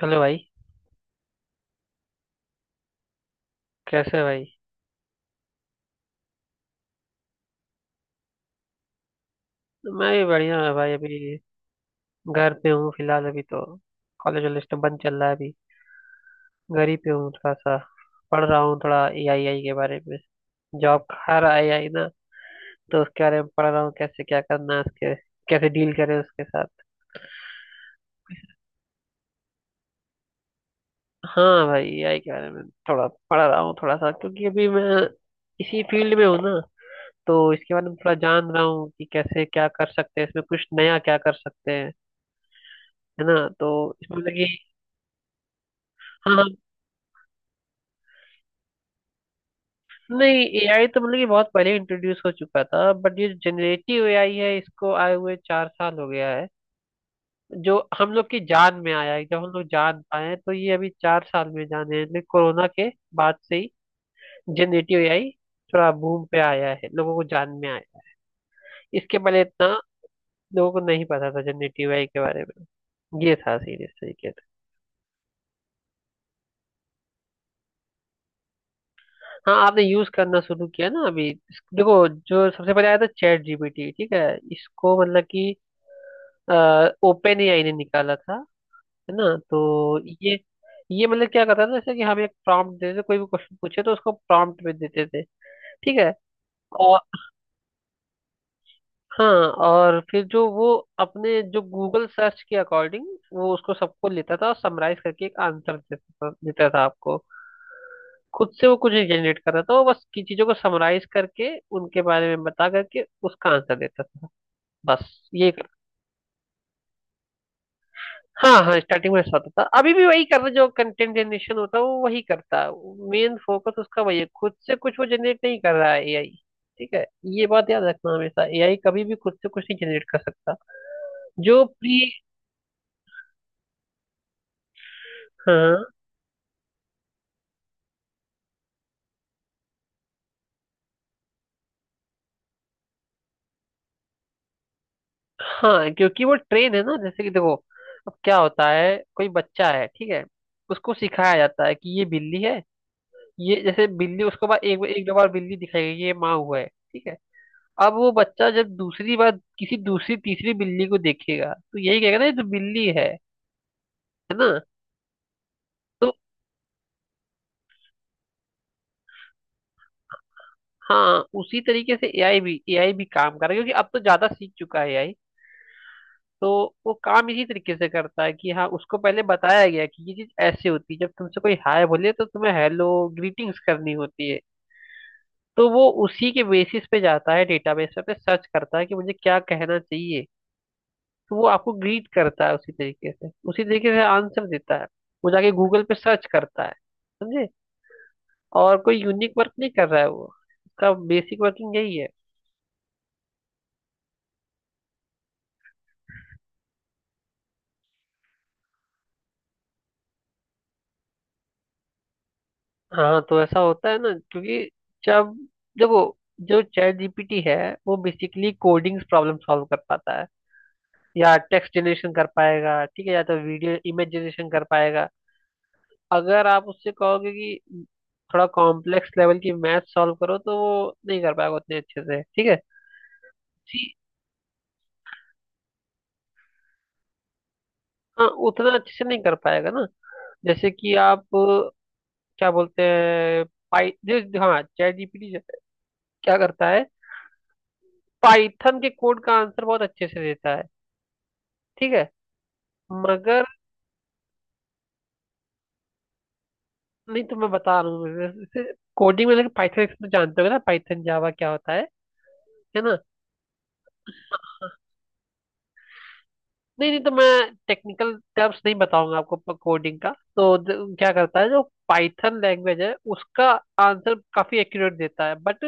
Hello भाई। कैसे है भाई। मैं भी बढ़िया है भाई। अभी घर पे हूँ फिलहाल अभी तो। कॉलेज वॉलेज तो बंद चल रहा है अभी। घर ही पे हूँ थोड़ा सा। पढ़ रहा हूँ थोड़ा ए आई आई के बारे में। जॉब हर आई आई ना, तो उसके बारे में पढ़ रहा हूँ कैसे क्या करना है उसके, कैसे डील करें उसके साथ। हाँ भाई, ए आई के बारे में थोड़ा पढ़ रहा हूँ थोड़ा सा, क्योंकि अभी मैं इसी फील्ड में हूँ ना। तो इसके बारे में थोड़ा जान रहा हूँ कि कैसे क्या कर सकते हैं, इसमें कुछ नया क्या कर सकते हैं, है ना। तो इसमें मतलब कि हाँ। नहीं, एआई तो मतलब कि बहुत पहले इंट्रोड्यूस हो चुका था, बट ये जनरेटिव एआई है, इसको आए हुए 4 साल हो गया है। जो हम लोग की जान में आया है, जब हम लोग जान पाए हैं, तो ये अभी 4 साल में जाने हैं, लेकिन कोरोना के बाद से ही जनरेटिव एआई थोड़ा बूम पे आया है, लोगों को जान में आया है। इसके पहले इतना लोगों को नहीं पता था जनरेटिव एआई के बारे में, ये था सीरियस तरीके से। हाँ, आपने यूज करना शुरू किया ना अभी देखो, जो सबसे पहले आया था चैट जीपीटी, ठीक है, इसको मतलब कि ओपन एआई ने निकाला था, है ना। तो ये मतलब क्या करता था, जैसे कि हम एक प्रॉम्प्ट देते थे, कोई भी क्वेश्चन पूछे तो उसको प्रॉम्प्ट में देते थे, ठीक है। और हाँ, और फिर जो वो अपने जो गूगल सर्च के अकॉर्डिंग, वो उसको सबको लेता था और समराइज करके एक आंसर देता था आपको। खुद से वो कुछ नहीं जनरेट कर रहा था, वो बस की चीजों को समराइज करके, उनके बारे में बता करके उसका आंसर देता था, बस ये। हाँ हाँ, स्टार्टिंग में साथ होता था, अभी भी वही कर रहा है, जो कंटेंट जनरेशन होता है वो वही करता है, मेन फोकस उसका वही है, खुद से कुछ वो जनरेट नहीं कर रहा है एआई, ठीक है। ये बात याद रखना, हमेशा एआई कभी भी खुद से कुछ नहीं जनरेट कर सकता। जो प्री, हाँ। हाँ, क्योंकि वो ट्रेन है ना, जैसे कि देखो, अब क्या होता है, कोई बच्चा है ठीक है, उसको सिखाया जाता है कि ये बिल्ली है, ये जैसे बिल्ली उसको बाद एक एक 2 बार बिल्ली दिखाई गई, ये माँ हुआ है, ठीक है। अब वो बच्चा जब दूसरी बार किसी दूसरी तीसरी बिल्ली को देखेगा, तो यही कहेगा ना ये तो बिल्ली है ना। तो हाँ, उसी तरीके से एआई भी काम कर रहा है, क्योंकि अब तो ज्यादा सीख चुका है एआई। तो वो काम इसी तरीके से करता है कि हाँ, उसको पहले बताया गया कि ये चीज ऐसे होती है, जब तुमसे कोई हाय बोले तो तुम्हें हेलो ग्रीटिंग्स करनी होती है, तो वो उसी के बेसिस पे जाता है, डेटाबेस पे सर्च करता है कि मुझे क्या कहना चाहिए, तो वो आपको ग्रीट करता है उसी तरीके से, उसी तरीके से आंसर देता है, वो जाके गूगल पे सर्च करता है, समझे। और कोई यूनिक वर्क नहीं कर रहा है वो, उसका बेसिक वर्किंग यही है। हाँ तो ऐसा होता है ना, क्योंकि जब देखो, जो चैट जीपीटी है वो बेसिकली कोडिंग्स प्रॉब्लम सॉल्व कर पाता है, या टेक्स्ट जनरेशन कर पाएगा, ठीक है, या तो वीडियो इमेज जनरेशन कर पाएगा। अगर आप उससे कहोगे कि थोड़ा कॉम्प्लेक्स लेवल की मैथ सॉल्व करो, तो वो नहीं कर पाएगा उतने अच्छे से, ठीक है। हाँ उतना अच्छे से नहीं कर पाएगा ना, जैसे कि आप क्या बोलते हैं, पाई जो, हाँ चैट जीपीटी क्या करता है, पाइथन के कोड का आंसर बहुत अच्छे से देता है, ठीक है, मगर नहीं, तो मैं बता रहा हूँ, कोडिंग में लेकिन पाइथन तो जानते होगे ना, पाइथन जावा क्या होता है ना। नहीं नहीं, तो मैं टेक्निकल टर्म्स नहीं बताऊंगा आपको कोडिंग का, तो क्या करता है जो पाइथन लैंग्वेज है, उसका आंसर काफी एक्यूरेट देता है, बट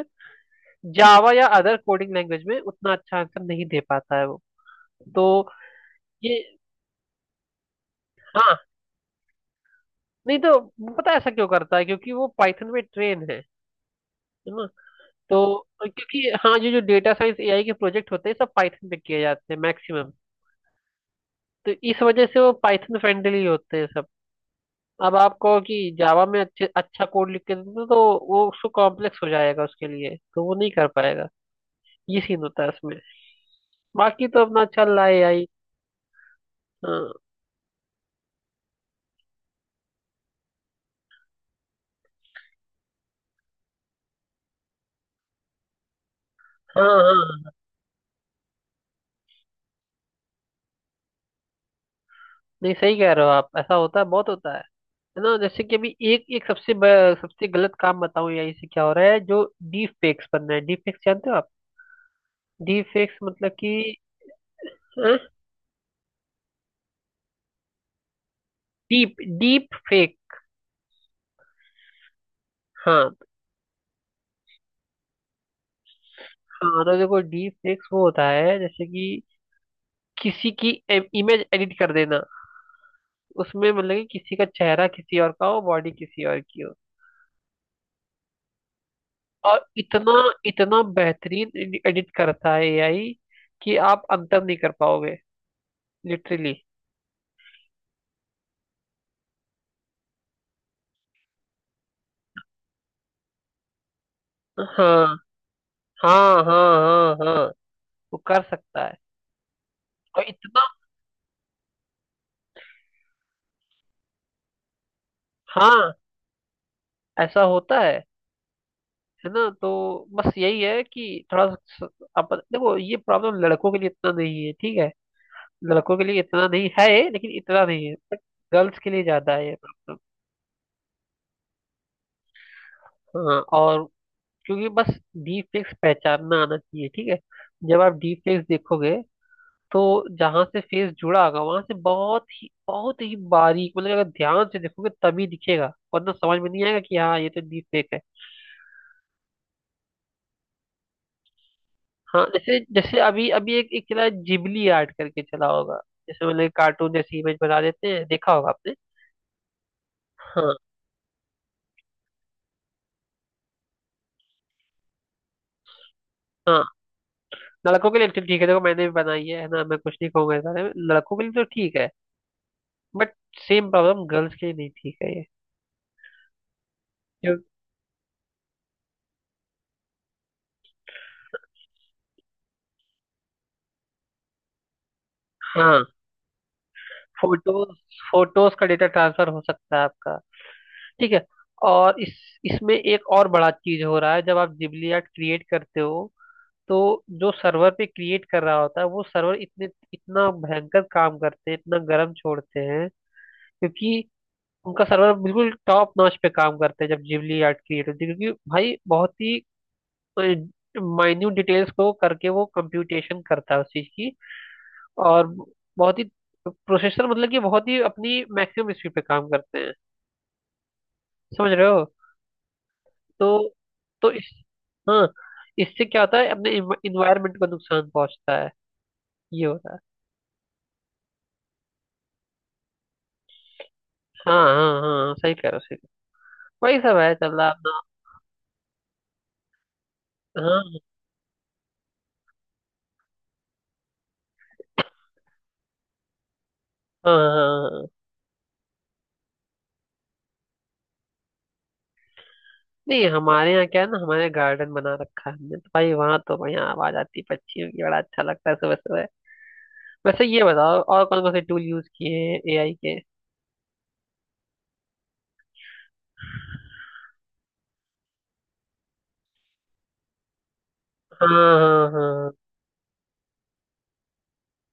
जावा या अदर कोडिंग लैंग्वेज में उतना अच्छा आंसर नहीं दे पाता है वो। तो ये हाँ। नहीं तो पता है ऐसा क्यों करता है, क्योंकि वो पाइथन में ट्रेन है ना। तो क्योंकि हाँ, ये जो डेटा साइंस एआई के प्रोजेक्ट होते हैं सब पाइथन पे किए जाते हैं मैक्सिमम, तो इस वजह से वो पाइथन फ्रेंडली होते हैं सब। अब आप कहो कि जावा में अच्छे अच्छा कोड लिख के दे दो, तो वो उसको कॉम्प्लेक्स हो जाएगा उसके लिए, तो वो नहीं कर पाएगा, ये सीन होता है उसमें। बाकी तो अपना चल रहा है एआई। हाँ हाँ हाँ, नहीं सही कह रहे हो आप, ऐसा होता है, बहुत होता है ना। जैसे कि अभी एक एक सबसे सबसे गलत काम बताऊं या इससे क्या हो रहा है, जो डीप फेक्स बन रहा है, डीप फेक्स जानते हो आप? डीप फेक्स मतलब कि डीप डीप फेक। हाँ हाँ, तो देखो डीप फेक्स वो होता है जैसे कि किसी की इमेज एडिट कर देना, उसमें मतलब कि किसी का चेहरा किसी और का हो, बॉडी किसी और की हो, और इतना इतना बेहतरीन एडिट करता है एआई कि आप अंतर नहीं कर पाओगे, लिटरली। हाँ हाँ हाँ हाँ हाँ, वो कर सकता है। और इतना हाँ, ऐसा होता है ना। तो बस यही है कि थोड़ा सा अपन देखो, ये प्रॉब्लम लड़कों के लिए इतना नहीं है, ठीक है, लड़कों के लिए इतना नहीं है, लेकिन इतना नहीं है बट गर्ल्स के लिए ज्यादा है ये प्रॉब्लम। हाँ और, क्योंकि बस डीप फेक्स पहचानना आना चाहिए, ठीक है। जब आप डीप फेक्स देखोगे तो जहां से फेस जुड़ा होगा वहां से बहुत ही बारीक, मतलब अगर ध्यान से देखोगे तभी दिखेगा, वरना समझ में नहीं आएगा कि हाँ ये तो डीप फेक है। हाँ जैसे जैसे अभी अभी एक एक चला है, जिबली आर्ट करके चला होगा, जैसे मतलब कार्टून जैसी इमेज बना देते हैं, देखा होगा आपने। हाँ हाँ, लड़कों के लिए तो ठीक है, देखो मैंने भी बनाई है ना, मैं कुछ नहीं कहूंगा इस बारे में, लड़कों के लिए तो ठीक है, बट सेम प्रॉब्लम गर्ल्स के लिए, नहीं ठीक है ये। क्यों? हाँ, फोटोज फोटोज का डेटा ट्रांसफर हो सकता है आपका, ठीक है। और इस, इसमें एक और बड़ा चीज हो रहा है, जब आप जिबली आर्ट क्रिएट करते हो, तो जो सर्वर पे क्रिएट कर रहा होता है, वो सर्वर इतने, इतना भयंकर काम करते हैं, इतना गर्म छोड़ते हैं, क्योंकि उनका सर्वर बिल्कुल टॉप नॉच पे काम करते हैं जब जिबली आर्ट क्रिएट होती है, क्योंकि भाई बहुत ही माइन्यूट डिटेल्स को करके वो कंप्यूटेशन करता है उस चीज की, और बहुत ही प्रोसेसर मतलब कि बहुत ही अपनी मैक्सिमम स्पीड पे काम करते हैं, समझ रहे हो। तो तो इस हाँ, इससे क्या होता है, अपने इन्वायरमेंट को नुकसान पहुंचता है, ये होता है। हाँ हाँ हाँ, सही कह रहे हो, सही कह रहे हो। वही सब है चल रहा अपना। हाँ हाँ हाँ हाँ। नहीं, हमारे यहाँ क्या है ना, हमारे गार्डन बना रखा है हमने, तो भाई वहाँ तो बढ़िया आवाज आती है पक्षियों की, बड़ा अच्छा लगता है सुबह सुबह। वैसे ये बताओ, और कौन कौन से टूल यूज किए हैं एआई के? हाँ हाँ। हाँ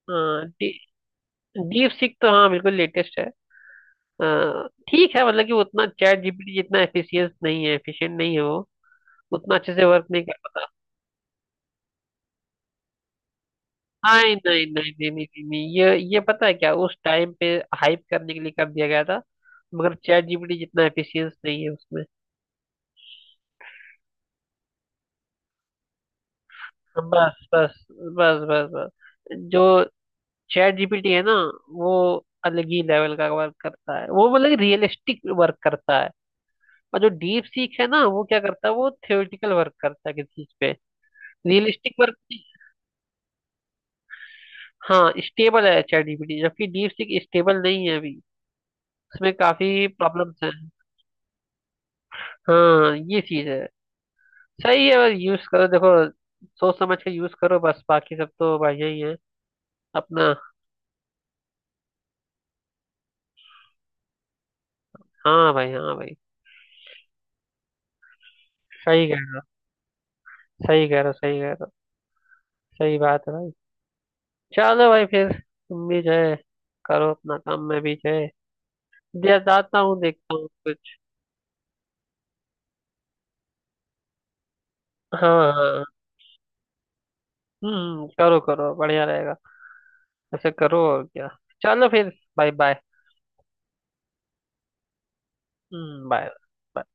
हाँ। डीप सीक तो हाँ बिल्कुल लेटेस्ट है। हाँ, ठीक है, मतलब कि वो उतना चैट जीपीटी जितना एफिशिएंट नहीं है वो, उतना अच्छे से वर्क नहीं नहीं नहीं नहीं नहीं नहीं नहीं नहीं, ये पता है क्या, उस टाइम पे हाइप करने के लिए कर दिया गया था, मगर चैट जीपीटी जितना एफिशिएंस नहीं है उसमें। बस बस बस बस बस जो चैट जीपीटी है ना, वो अलग ही लेवल का वर्क करता है वो, मतलब रियलिस्टिक वर्क करता है, और जो डीप सीख है ना, वो क्या करता है, वो थ्योरेटिकल वर्क करता है किसी चीज पे। Realistic work. हाँ स्टेबल है चैट जीपीटी, जबकि डीप सीख स्टेबल नहीं है अभी, उसमें काफी प्रॉब्लम्स हैं। हाँ ये चीज है, सही है, बस यूज करो, देखो सोच समझ के यूज करो बस, बाकी सब तो भाई यही है अपना। हाँ भाई, हाँ भाई, सही कह रहे- सही कह रहे हो, सही कह रहे हो, सही बात है भाई। चलो भाई, फिर तुम भी जो है करो अपना काम, मैं भी जो है जाता हूँ, देखता हूँ कुछ। हाँ हाँ। हम्म, करो करो, बढ़िया रहेगा, ऐसे करो, और क्या। चलो फिर, बाय बाय। Hmm, bye.